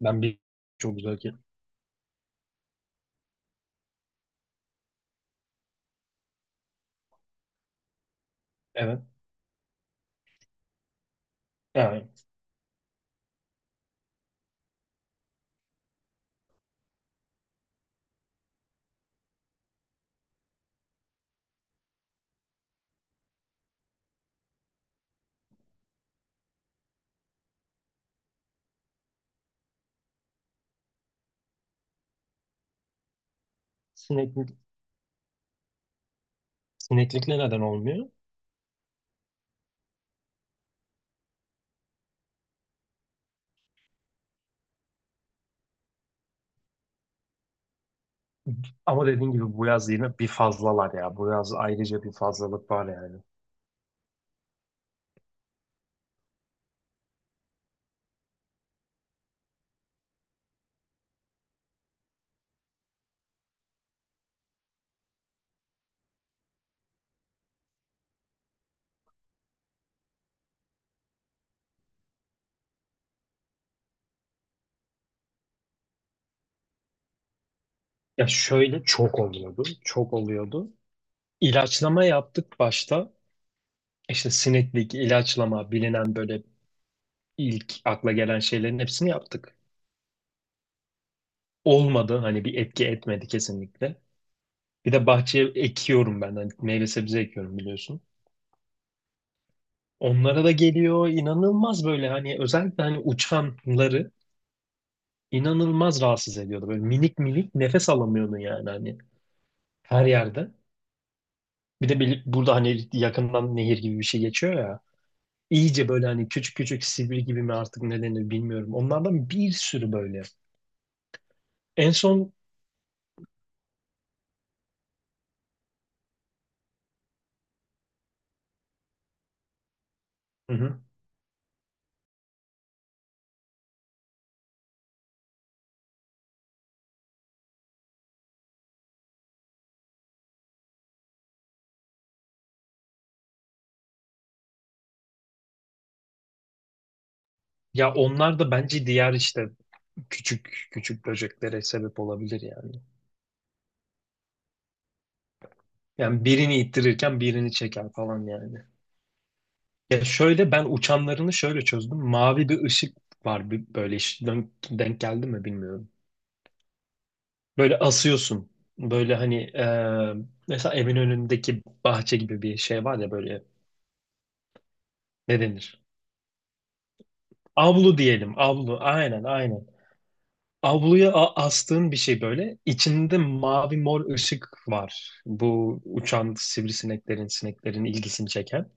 Ben bir Çok güzel ki. Evet. Yani sineklik, sineklikle neden olmuyor? Ama dediğin gibi bu yaz yine bir fazlalar ya. Bu yaz ayrıca bir fazlalık var yani. Ya şöyle çok oluyordu. Çok oluyordu. İlaçlama yaptık başta. İşte sineklik, ilaçlama bilinen böyle ilk akla gelen şeylerin hepsini yaptık. Olmadı. Hani bir etki etmedi kesinlikle. Bir de bahçeye ekiyorum ben. Hani meyve sebze ekiyorum biliyorsun. Onlara da geliyor inanılmaz böyle hani özellikle hani uçanları inanılmaz rahatsız ediyordu. Böyle minik minik nefes alamıyordun yani hani her yerde. Bir de burada hani yakından nehir gibi bir şey geçiyor ya. İyice böyle hani küçük küçük sivri gibi mi artık ne denir bilmiyorum. Onlardan bir sürü böyle. En son. Hı hı. Ya onlar da bence diğer işte küçük küçük böceklere sebep olabilir yani. Yani birini ittirirken birini çeker falan yani. Ya şöyle ben uçanlarını şöyle çözdüm. Mavi bir ışık var böyle hiç denk geldi mi bilmiyorum. Böyle asıyorsun. Böyle hani mesela evin önündeki bahçe gibi bir şey var ya böyle ne denir? Avlu diyelim. Avlu. Aynen aynen. Avluya astığın bir şey böyle. İçinde mavi mor ışık var. Bu uçan sivrisineklerin, sineklerin ilgisini çeken.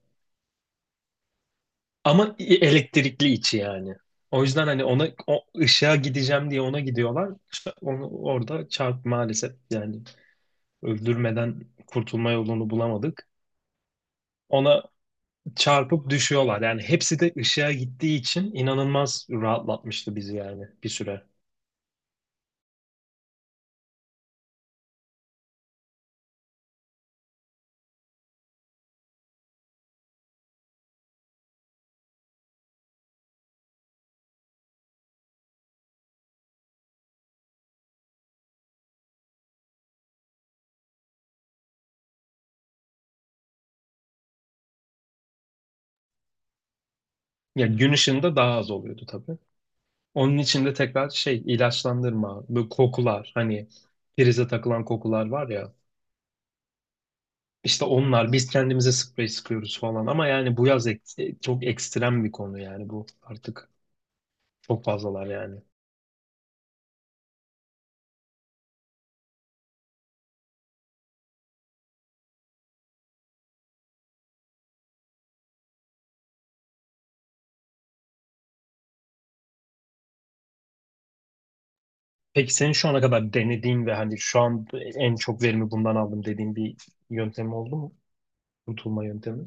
Ama elektrikli içi yani. O yüzden hani ona o ışığa gideceğim diye ona gidiyorlar. İşte onu orada çarp maalesef yani öldürmeden kurtulma yolunu bulamadık. Ona çarpıp düşüyorlar. Yani hepsi de ışığa gittiği için inanılmaz rahatlatmıştı bizi yani bir süre. Ya gün ışığında daha az oluyordu tabii. Onun için de tekrar şey ilaçlandırma, böyle kokular hani prize takılan kokular var ya. İşte onlar biz kendimize sprey sıkıyoruz falan ama yani bu yaz çok ekstrem bir konu yani bu artık çok fazlalar yani. Peki senin şu ana kadar denediğin ve hani şu an en çok verimi bundan aldım dediğin bir yöntem oldu mu? Kurtulma yöntemi.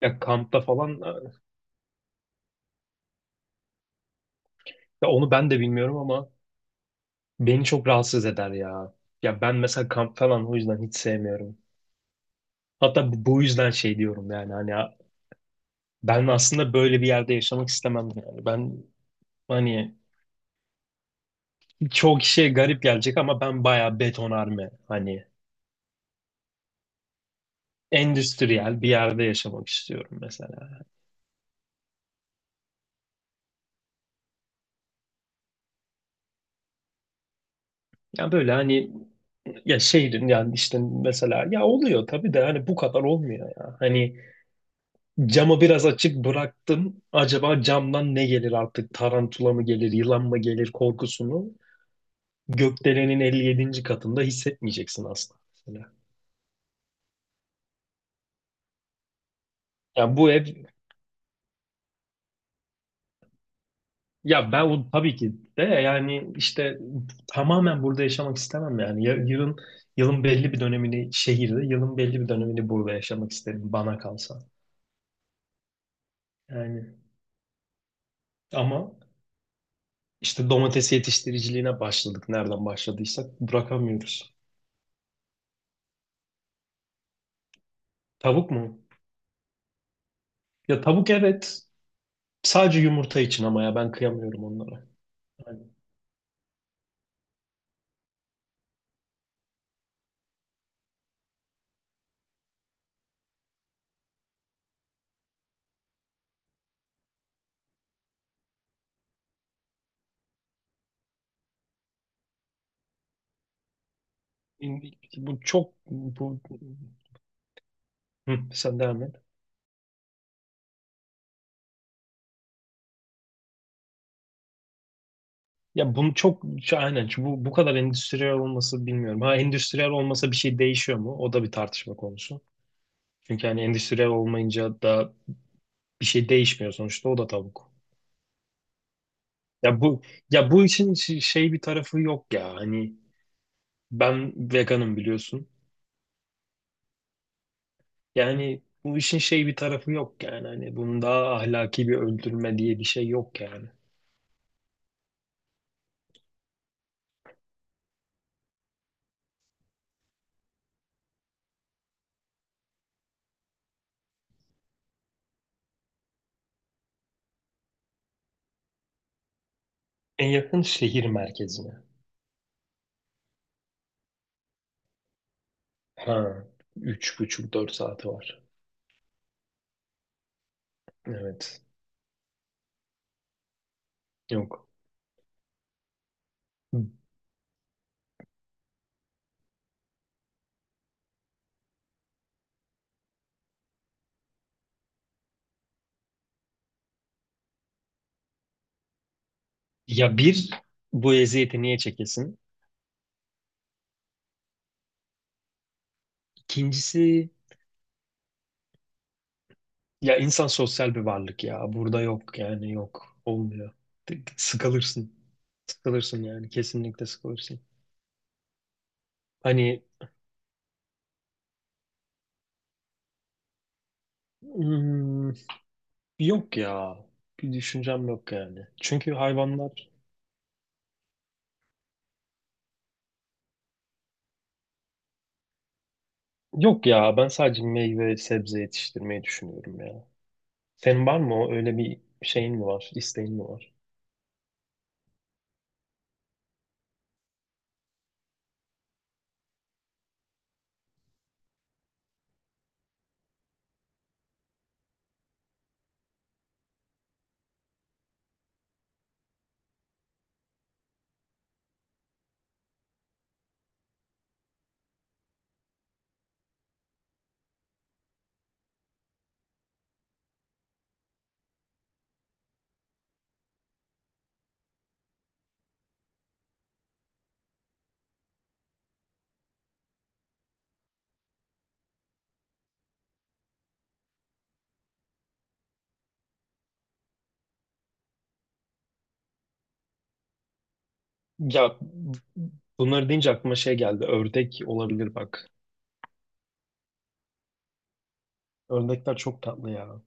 Ya kampta falan. Ya onu ben de bilmiyorum ama beni çok rahatsız eder ya. Ya ben mesela kamp falan o yüzden hiç sevmiyorum. Hatta bu yüzden şey diyorum yani hani ben aslında böyle bir yerde yaşamak istemem yani. Ben hani çoğu kişiye garip gelecek ama ben bayağı betonarme hani endüstriyel bir yerde yaşamak istiyorum mesela. Ya böyle hani ya şehrin yani işte mesela ya oluyor tabii de hani bu kadar olmuyor ya. Hani, camı biraz açık bıraktım. Acaba camdan ne gelir artık? Tarantula mı gelir, yılan mı gelir korkusunu gökdelenin 57. katında hissetmeyeceksin aslında. Mesela. Ya bu ev, ya ben tabii ki de yani işte tamamen burada yaşamak istemem yani. Yılın belli bir dönemini şehirde, yılın belli bir dönemini burada yaşamak isterim bana kalsa. Yani ama işte domates yetiştiriciliğine başladık. Nereden başladıysak bırakamıyoruz. Tavuk mu? Ya tavuk evet. Sadece yumurta için ama ya ben kıyamıyorum onlara. Yani, bu çok bu. Hı, sen devam et. Ya bunu çok aynen bu kadar endüstriyel olması bilmiyorum. Ha endüstriyel olmasa bir şey değişiyor mu? O da bir tartışma konusu. Çünkü hani endüstriyel olmayınca da bir şey değişmiyor sonuçta o da tavuk. Ya bu ya bu işin şey bir tarafı yok ya. Hani ben veganım biliyorsun. Yani bu işin şey bir tarafı yok yani. Hani bunun daha ahlaki bir öldürme diye bir şey yok yani. En yakın şehir merkezine. Ha, 3,5-4 saati var. Evet. Yok. Ya bu eziyeti niye çekesin? İkincisi ya insan sosyal bir varlık ya. Burada yok yani yok. Olmuyor. Sıkılırsın. Sıkılırsın yani. Kesinlikle sıkılırsın. Hani hmm, yok ya. Bir düşüncem yok yani. Çünkü hayvanlar yok ya. Ben sadece meyve sebze yetiştirmeyi düşünüyorum ya. Senin var mı o? Öyle bir şeyin mi var? İsteğin mi var? Ya bunları deyince aklıma şey geldi. Ördek olabilir bak. Ördekler çok tatlı ya.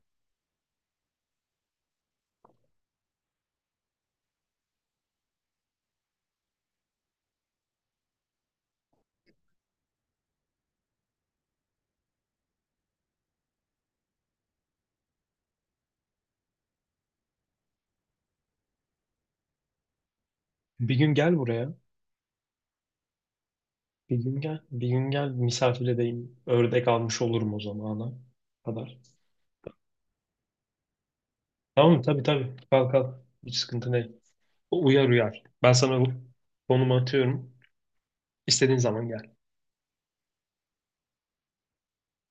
Bir gün gel buraya. Bir gün gel. Bir gün gel misafir edeyim. Ördek almış olurum o zamana kadar. Tamam mı? Tabii tabii. Kalk kalk. Hiç sıkıntı değil. Uyar uyar. Ben sana bu konumu atıyorum. İstediğin zaman gel.